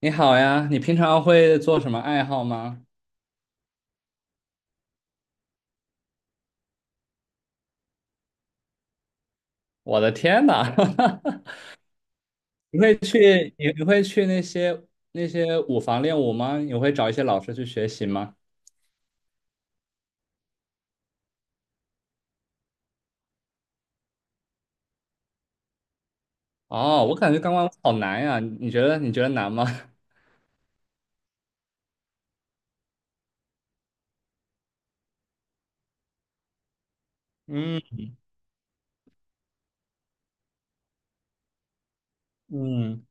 你好呀，你平常会做什么爱好吗？我的天呐，你会去那些那些舞房练舞吗？你会找一些老师去学习吗？哦，我感觉钢管舞好难呀，你觉得难吗？嗯嗯，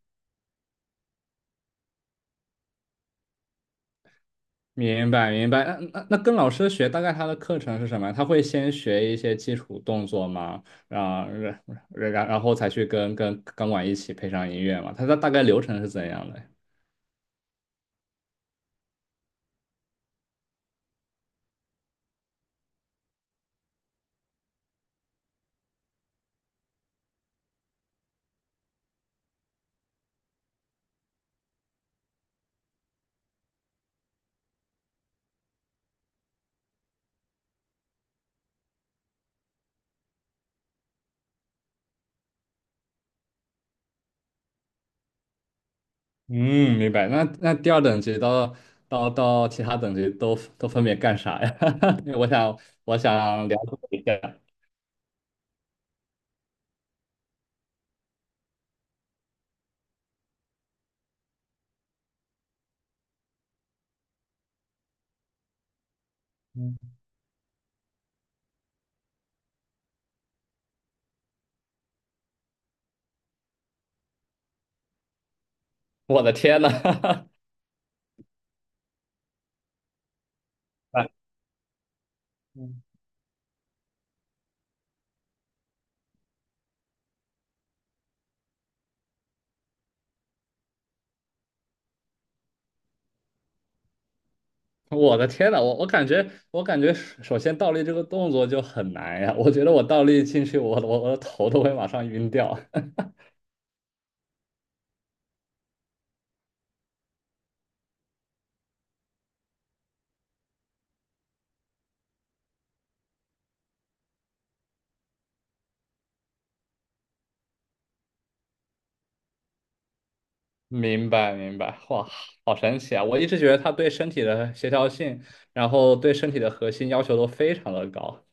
明白明白。那跟老师学，大概他的课程是什么呀？他会先学一些基础动作吗？然后才去跟钢管一起配上音乐吗？他的大概流程是怎样的呀？嗯，明白。那第二等级到其他等级都分别干啥呀？因为我想我想了解一下。嗯。 我的天呐！啊嗯我的天呐，我感觉首先倒立这个动作就很难呀，我觉得我倒立进去，我的头都会马上晕掉。明白明白，哇，好神奇啊！我一直觉得它对身体的协调性，然后对身体的核心要求都非常的高。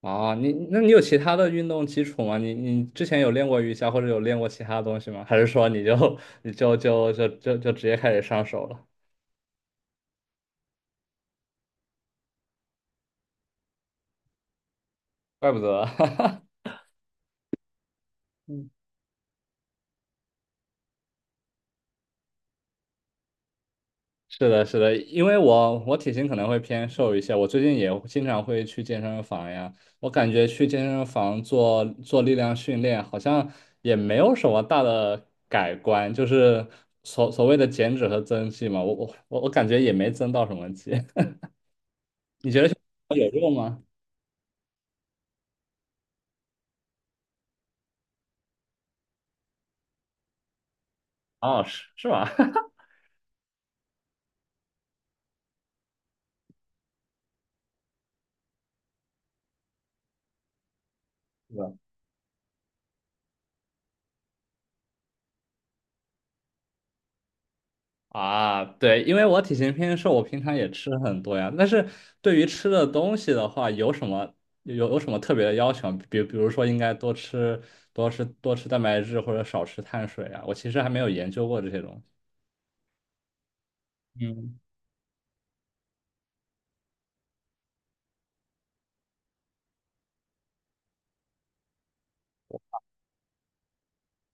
啊，你有其他的运动基础吗？你之前有练过瑜伽或者有练过其他东西吗？还是说你就 你就直接开始上手了？怪不得。是的，是的，因为我体型可能会偏瘦一些，我最近也经常会去健身房呀。我感觉去健身房做力量训练，好像也没有什么大的改观，就是所所谓的减脂和增肌嘛，我感觉也没增到什么肌。有用吗？哦，是是吧？啊，对，因为我体型偏瘦，我平常也吃很多呀。但是对于吃的东西的话，有什么有什么特别的要求？比如说，应该多吃多吃蛋白质，或者少吃碳水啊。我其实还没有研究过这些东西。嗯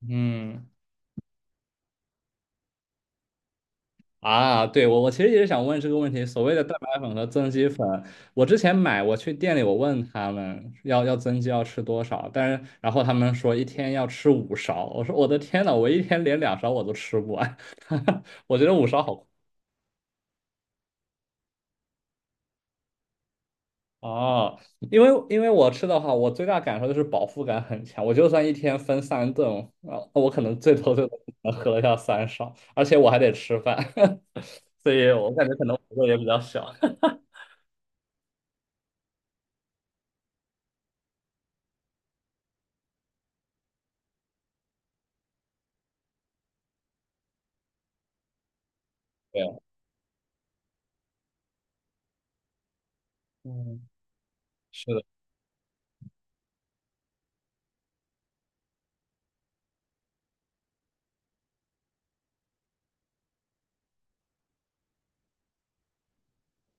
嗯。啊，对，我我其实也是想问这个问题，所谓的蛋白粉和增肌粉，我之前买，我去店里我问他们要增肌要吃多少，但是然后他们说一天要吃五勺，我说我的天呐，我一天连两勺我都吃不完。我觉得五勺好。哦，因为因为我吃的话，我最大感受就是饱腹感很强，我就算一天分三顿，啊，我可能最多能喝得下三勺，而且我还得吃饭。所以我感觉可能幅度也比较小。对，嗯。是的。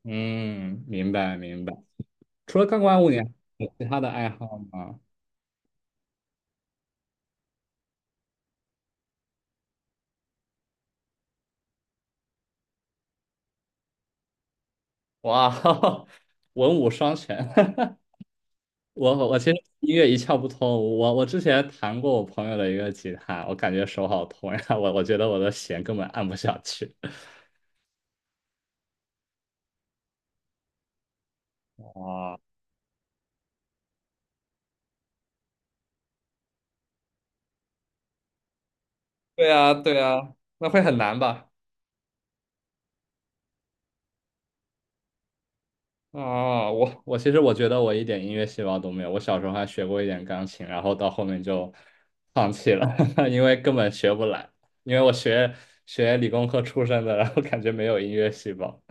嗯，明白明白。除了钢管舞，你还有其他的爱好吗？哇，文武双全。我其实音乐一窍不通。我之前弹过我朋友的一个吉他，我感觉手好痛呀，我觉得我的弦根本按不下去。哇，对啊，对啊，那会很难吧？啊，我其实我觉得我一点音乐细胞都没有，我小时候还学过一点钢琴，然后到后面就放弃了。因为根本学不来，因为我学理工科出身的，然后感觉没有音乐细胞。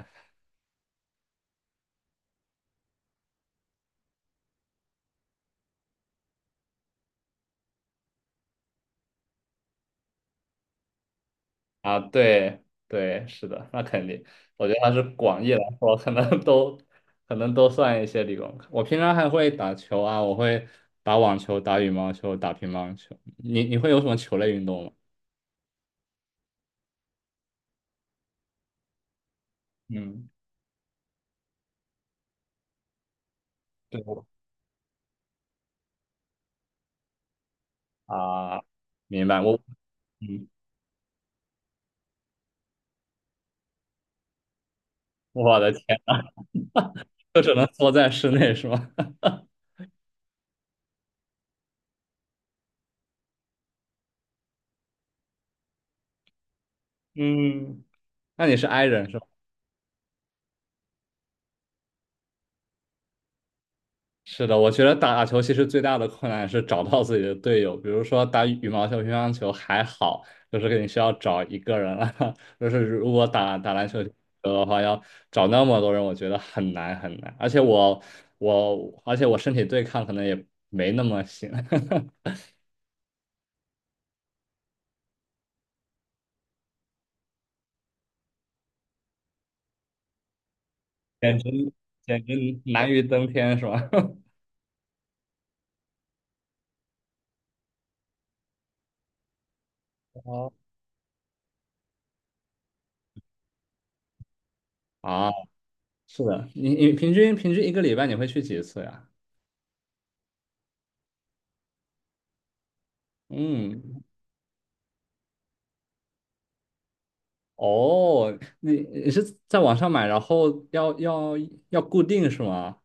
啊，对对，是的，那肯定。我觉得它是广义来说，可能都算一些理工科。我平常还会打球啊，我会打网球、打羽毛球、打乒乓球。你会有什么球类运动吗？嗯，对我啊，明白我。嗯。我的天，就只能缩在室内是吗？嗯，那你是 i 人是吧？是的，我觉得打球其实最大的困难是找到自己的队友。比如说打羽毛球、乒乓球还好，就是你需要找一个人了。就是如果打篮球的话，要找那么多人，我觉得很难很难。而且而且我身体对抗可能也没那么行。简直简直难于登天是吧？哦，啊。是的，你平均一个礼拜你会去几次呀？嗯，哦，你是在网上买，然后要固定是吗？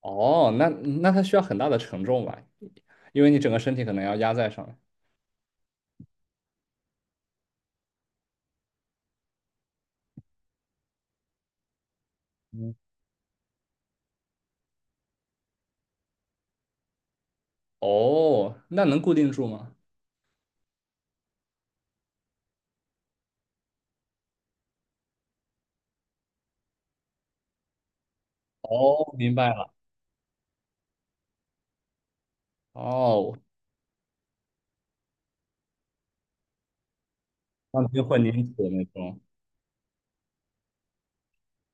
哦，那那它需要很大的承重吧，因为你整个身体可能要压在上面。嗯。哦，那能固定住吗？哦，明白了。哦，钢筋混凝土的那种。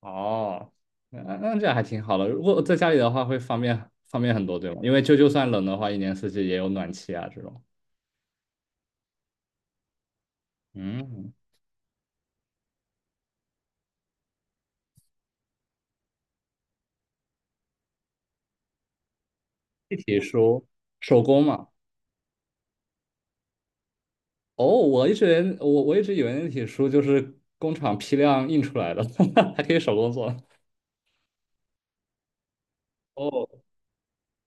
哦，那这样还挺好的。如果在家里的话，会方便很多，对吗？因为就算冷的话，一年四季也有暖气啊这种。嗯。立体书手工嘛。哦，我一直连我我一直以为立体书就是工厂批量印出来的，还可以手工做。哦，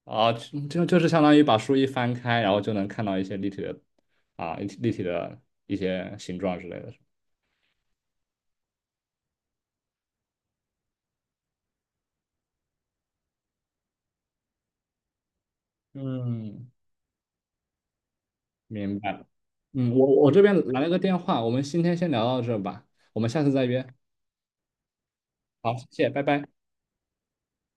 啊，就就就是相当于把书一翻开，然后就能看到一些立体的立体的一些形状之类的。嗯，明白了。嗯，我这边来了个电话，我们今天先聊到这吧，我们下次再约。好，谢谢，拜拜。